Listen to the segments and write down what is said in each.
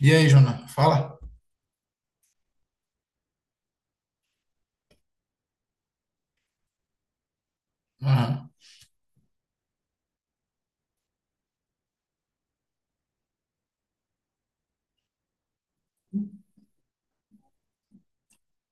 E aí, Jona? Fala? Aham.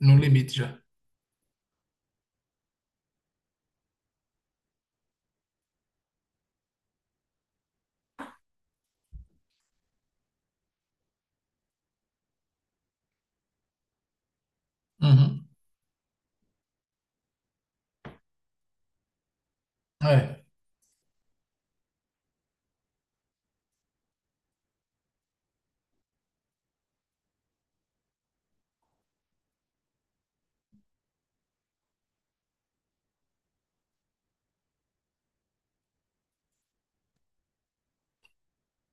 No limite já. Uhum. É.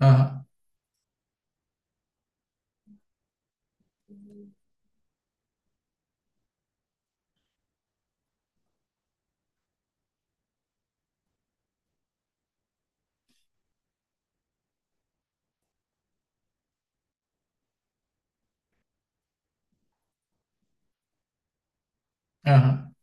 Aham. Aham.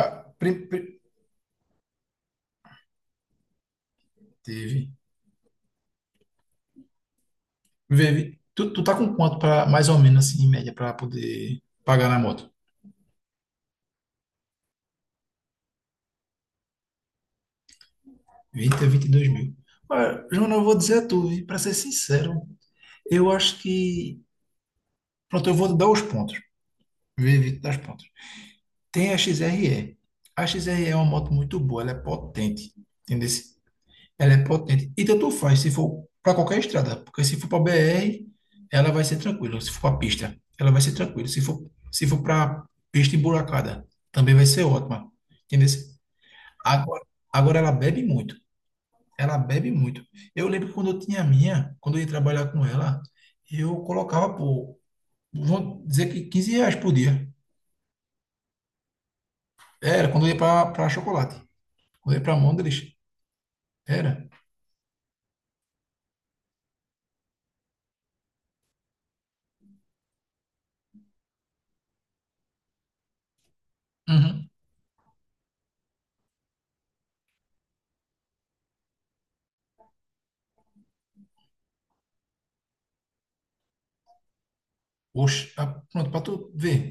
Ah, teve. Vive. Tu tá com quanto para mais ou menos assim, em média, para poder pagar na moto? 20 a 22 mil. Olha, Jona, eu vou dizer a tu, para ser sincero, eu acho que. Pronto, eu vou dar os pontos. Vive, dar os pontos. Tem a XRE. A XRE é uma moto muito boa, ela é potente. Entendeu? Ela é potente. E tanto faz se for para qualquer estrada, porque se for para BR, ela vai ser tranquila. Se for para pista, ela vai ser tranquila. Se for para pista emburacada, também vai ser ótima. Entendeu? Agora, agora ela bebe muito. Ela bebe muito. Eu lembro que quando eu tinha a minha, quando eu ia trabalhar com ela, eu colocava por, vamos dizer que R$ 15 por dia. Era quando eu ia para chocolate. Quando eu ia para Mondres, era. Uhum. Oxe, ah, pronto, para tu ver.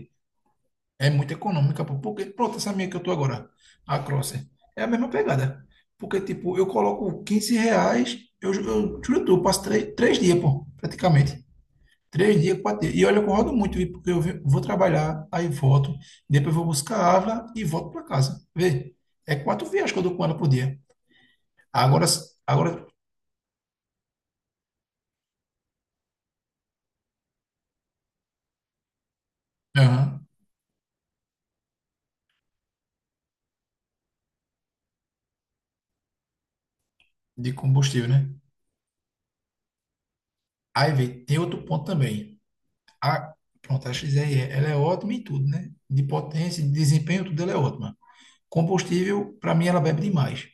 É muito econômica, pô. Porque, pronto, essa minha que eu tô agora, a Crosser, é a mesma pegada. Porque, tipo, eu coloco R$ 15, eu juro, tu, eu passo três dias, pô, praticamente. Três dias, quatro dias. E olha, que eu rodo muito, viu? Porque eu vou trabalhar, aí volto, depois vou buscar a Ávila e volto para casa. Vê? É quatro viagens que eu dou com ela por dia. Agora, aham, de combustível, né? Aí, vê, tem outro ponto também. A, pronto, a XRE, ela é ótima em tudo, né? De potência, de desempenho, tudo ela é ótima. Combustível, para mim, ela bebe demais.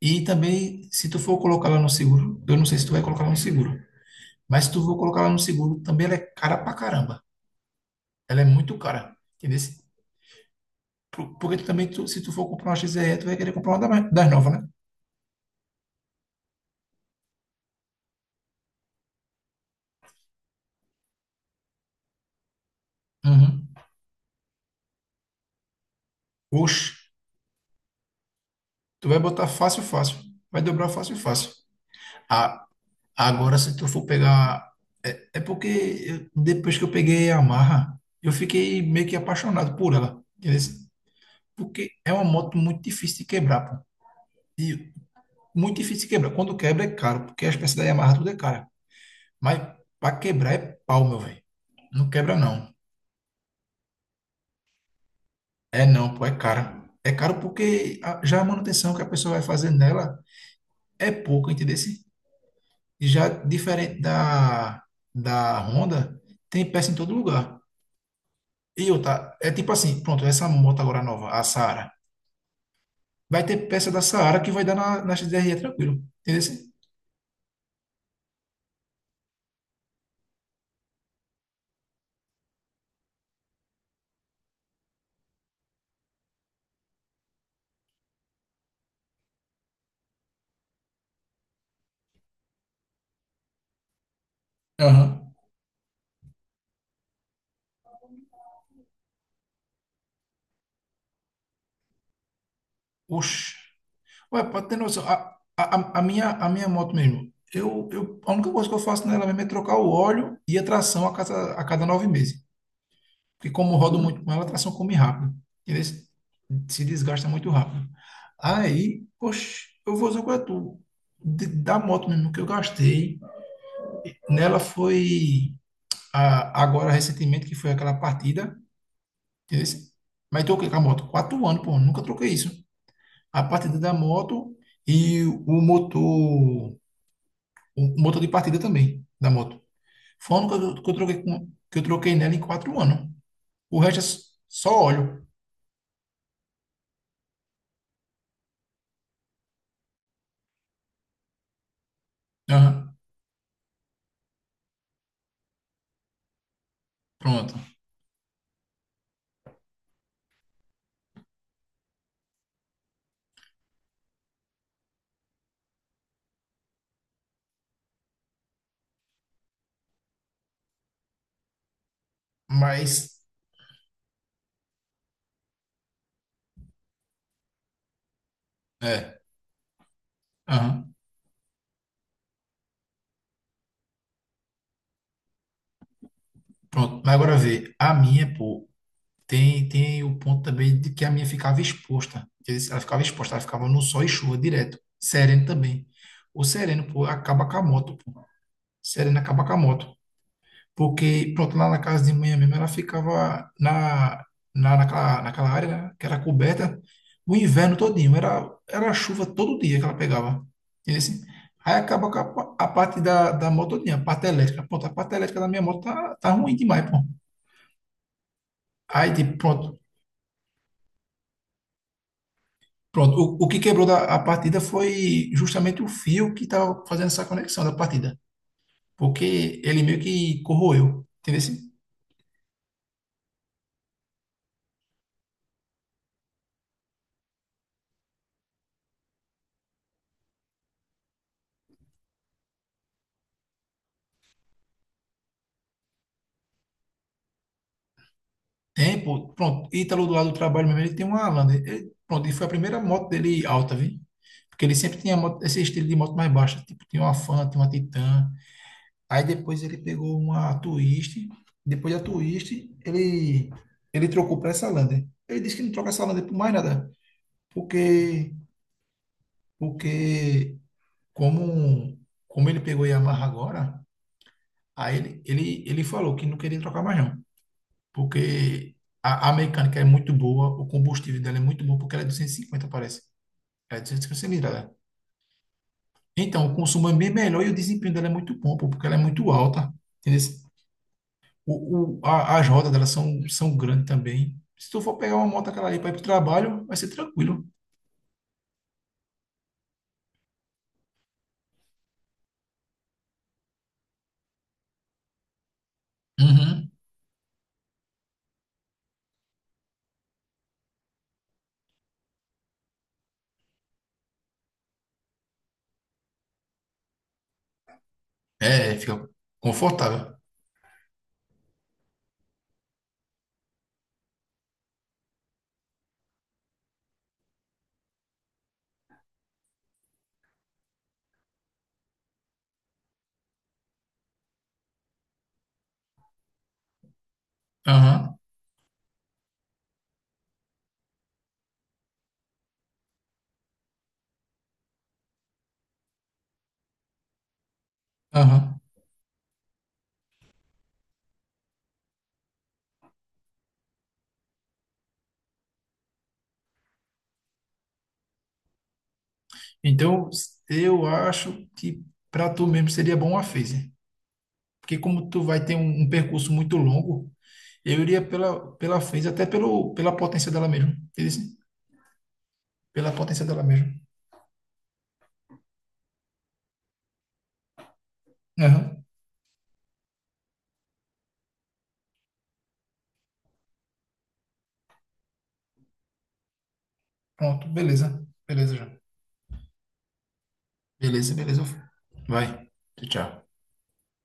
E também, se tu for colocar lá no seguro, eu não sei se tu vai colocar lá no seguro, mas se tu for colocar lá no seguro, também ela é cara pra caramba. Ela é muito cara, entendeu? Porque tu também, tu, se tu for comprar uma XRE, tu vai querer comprar uma das novas, né? Uhum. Oxe, tu vai botar fácil, fácil. Vai dobrar fácil, fácil. A- Agora, se tu for pegar... É, porque depois que eu peguei a Yamaha, eu fiquei meio que apaixonado por ela, entendeu? Porque é uma moto muito difícil de quebrar, e muito difícil de quebrar. Quando quebra é caro, porque as peças da Yamaha tudo é cara. Mas para quebrar é pau, meu velho. Não quebra não. É não, pô, é caro. É caro porque já a manutenção que a pessoa vai fazer nela é pouca, entendeu? E já diferente da Honda, tem peça em todo lugar. E outra, é tipo assim, pronto, essa moto agora nova, a Saara, vai ter peça da Saara que vai dar na XDR tranquilo, entendeu? Aham. Oxe. Ué, pode ter noção. A minha moto mesmo, eu, a única coisa que eu faço nela mesmo é trocar o óleo e a tração a cada 9 meses. Porque como eu rodo muito com ela, a tração come rápido. Entendeu? Se desgasta muito rápido. Aí, oxe, eu vou dizer qual é tu. Da moto mesmo que eu gastei, nela foi agora recentemente, que foi aquela partida. Entendeu? Mas troquei com a moto. 4 anos, pô, nunca troquei isso. A partida da moto e o motor. O motor de partida também, da moto. Foi a única que eu troquei nela em 4 anos. O resto é só óleo. Aham, pronto. Mas, é, aham, pronto. Mas agora vê, a minha, pô, tem o ponto também de que a minha ficava exposta. Quer dizer, ela ficava exposta, ela ficava no sol e chuva direto. Sereno também. O sereno, pô, acaba com a moto, pô. Sereno acaba com a moto. Porque, pronto, lá na casa de manhã mesmo, ela ficava naquela área, né, que era coberta, o inverno todinho. Era chuva todo dia que ela pegava. Entendeu? Assim? Aí acaba com a parte da moto todinha, a parte elétrica. Pronto, a parte elétrica da minha moto tá ruim demais, pô. Aí, tipo, pronto. Pronto, o que quebrou da, a partida foi justamente o fio que estava fazendo essa conexão da partida, porque ele meio que corroeu, entendeu? Assim? Tem, pô, pronto. Ítalo do lado do trabalho mesmo, ele tem uma Lander. Ele, pronto, e foi a primeira moto dele alta, viu? Porque ele sempre tinha esse estilo de moto mais baixa. Tipo, tinha uma Fanta tinha uma Titan. Aí depois ele pegou uma Twist. Depois da Twist, ele, ele trocou para essa Lander. Ele disse que não troca essa Lander por mais nada. Porque, porque como, como ele pegou Yamaha agora, aí ele falou que não queria trocar mais não. Porque a mecânica é muito boa, o combustível dela é muito bom, porque ela é 250 parece. É 250 cilindros, né? Então, o consumo é bem melhor e o desempenho dela é muito bom, pô, porque ela é muito alta. Entendeu? As rodas dela são grandes também. Se tu for pegar uma moto aquela ali para ir pro trabalho, vai ser tranquilo. Uhum. É, fica confortável. Aham, aham. Então, eu acho que para tu mesmo seria bom a Fazer. Porque como tu vai ter um percurso muito longo, eu iria pela Fez, até pelo, pela potência dela mesmo. Entendeu? Pela potência dela mesmo. Aham. Pronto, beleza. Beleza já. Beleza, beleza. Vai. Tchau. Tchau.